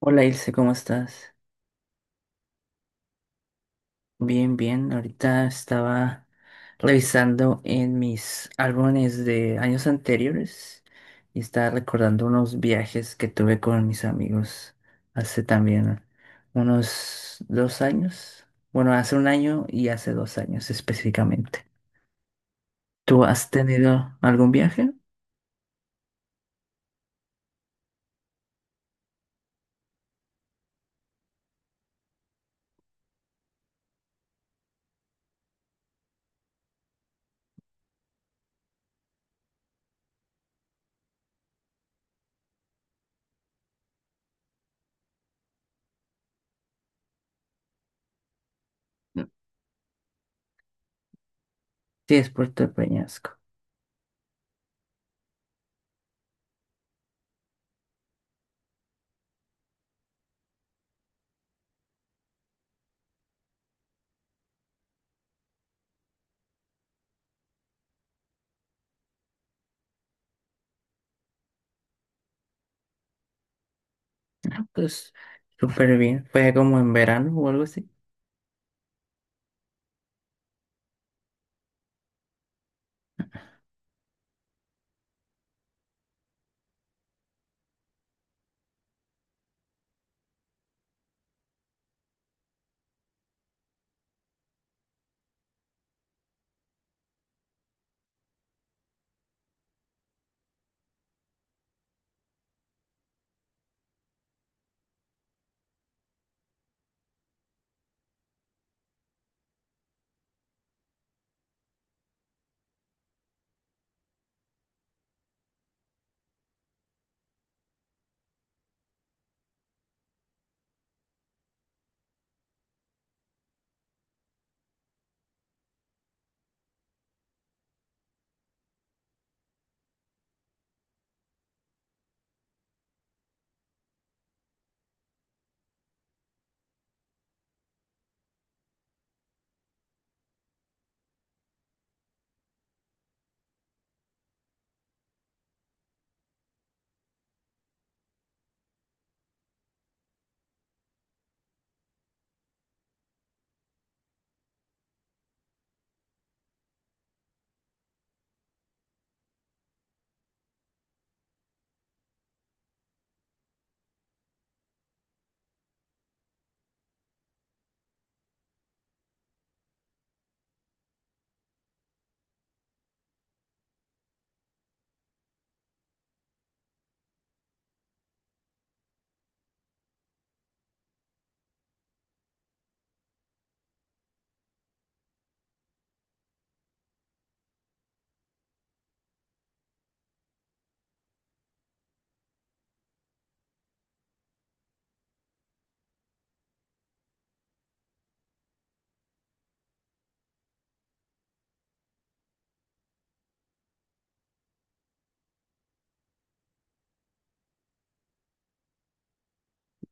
Hola Ilse, ¿cómo estás? Bien, bien. Ahorita estaba revisando en mis álbumes de años anteriores y estaba recordando unos viajes que tuve con mis amigos hace también unos 2 años. Bueno, hace 1 año y hace 2 años específicamente. ¿Tú has tenido algún viaje? No. Sí, es Puerto de Peñasco. Ah, pues súper bien. Fue como en verano o algo así.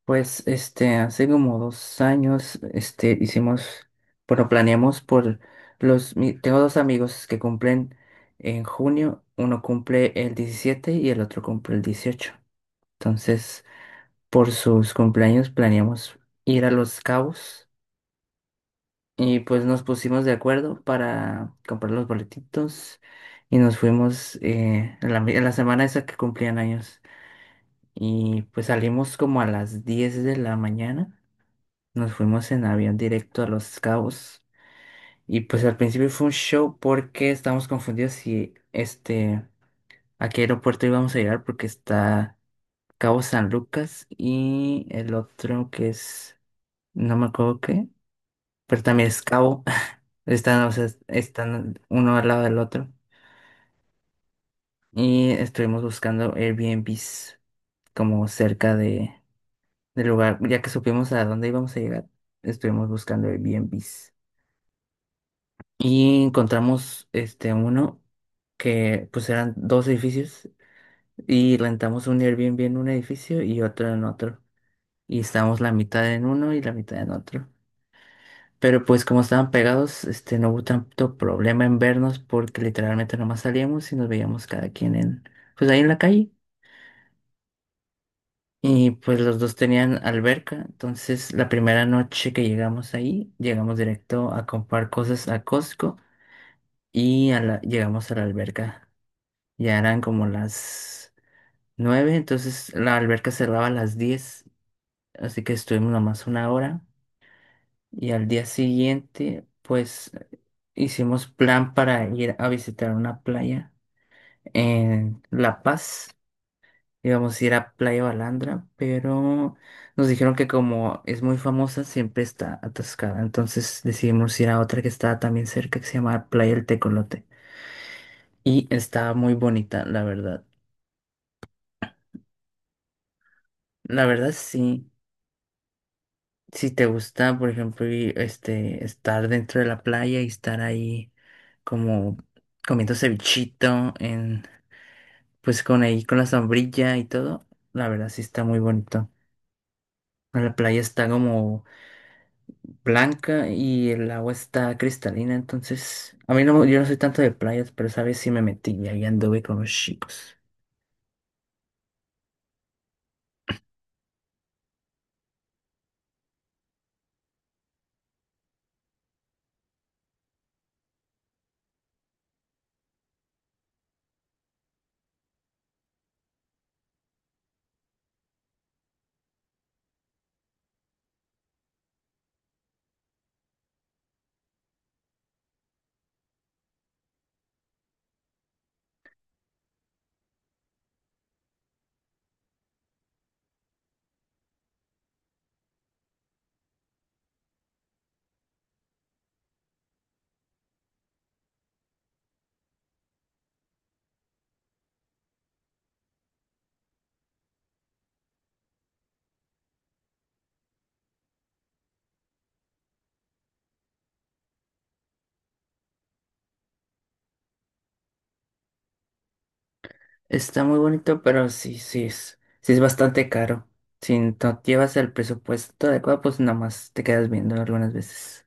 Pues hace como 2 años, hicimos, bueno, planeamos por tengo dos amigos que cumplen en junio, uno cumple el 17 y el otro cumple el 18. Entonces, por sus cumpleaños planeamos ir a Los Cabos y pues nos pusimos de acuerdo para comprar los boletitos y nos fuimos en la semana esa que cumplían años y pues salimos como a las 10 de la mañana. Nos fuimos en avión directo a Los Cabos y pues al principio fue un show porque estábamos confundidos si a qué aeropuerto íbamos a llegar porque está Cabo San Lucas y el otro que es no me acuerdo qué, pero también es Cabo. Están, o sea, están uno al lado del otro y estuvimos buscando Airbnbs como cerca de del lugar, ya que supimos a dónde íbamos a llegar, estuvimos buscando Airbnbs. Y encontramos uno que pues eran dos edificios y rentamos un Airbnb en un edificio y otro en otro. Y estábamos la mitad en uno y la mitad en otro. Pero pues como estaban pegados, no hubo tanto problema en vernos porque literalmente nomás salíamos y nos veíamos cada quien en pues ahí en la calle. Y pues los dos tenían alberca, entonces la primera noche que llegamos ahí, llegamos directo a comprar cosas a Costco y llegamos a la alberca. Ya eran como las 9, entonces la alberca cerraba a las 10, así que estuvimos nomás 1 hora. Y al día siguiente, pues hicimos plan para ir a visitar una playa en La Paz. Íbamos a ir a Playa Balandra, pero nos dijeron que como es muy famosa, siempre está atascada. Entonces decidimos ir a otra que estaba también cerca, que se llama Playa El Tecolote. Y estaba muy bonita, la verdad. La verdad sí. Si te gusta, por ejemplo, estar dentro de la playa y estar ahí como comiendo cevichito, en, pues con ahí con la sombrilla y todo, la verdad sí está muy bonito. La playa está como blanca y el agua está cristalina, entonces a mí no, yo no soy tanto de playas, pero sabes si me metí y ahí anduve con los chicos. Está muy bonito, pero sí, sí es bastante caro. Si no llevas el presupuesto adecuado, pues nada más te quedas viendo algunas veces.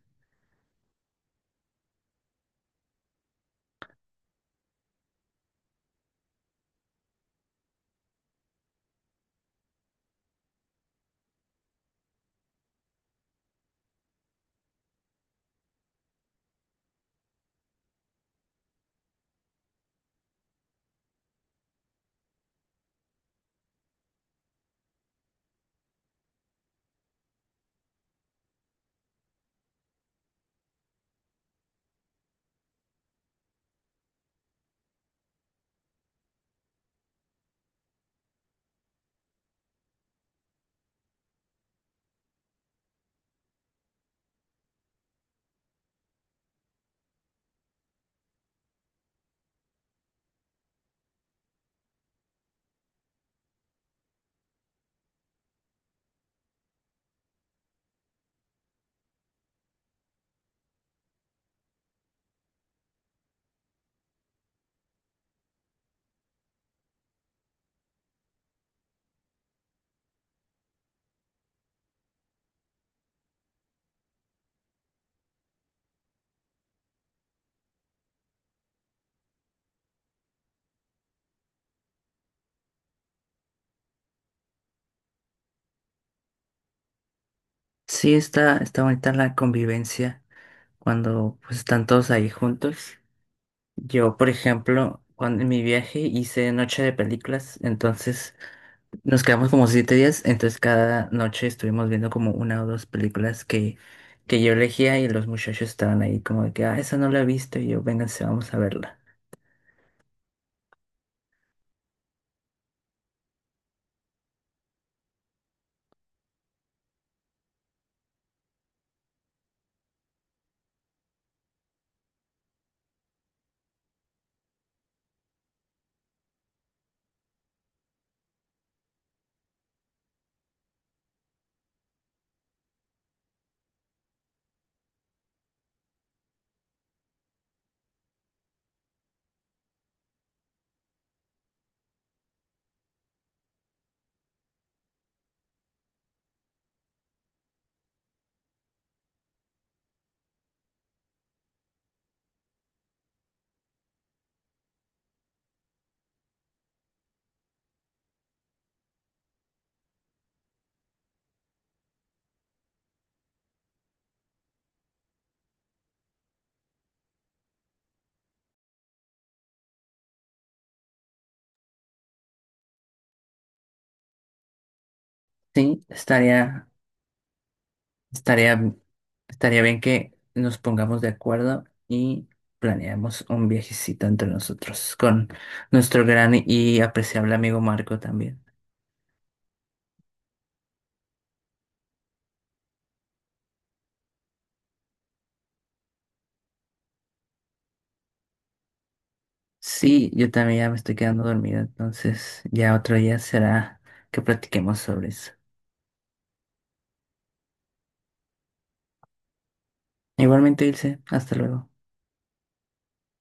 Sí, está, está bonita la convivencia cuando pues, están todos ahí juntos. Yo, por ejemplo, cuando en mi viaje hice noche de películas, entonces nos quedamos como 7 días, entonces cada noche estuvimos viendo como una o dos películas que yo elegía y los muchachos estaban ahí como de que, ah, esa no la he visto y yo, vénganse, vamos a verla. Sí, estaría. Estaría, estaría bien que nos pongamos de acuerdo y planeemos un viajecito entre nosotros con nuestro gran y apreciable amigo Marco también. Sí, yo también ya me estoy quedando dormido, entonces ya otro día será que platiquemos sobre eso. Igualmente, Ilse, hasta luego.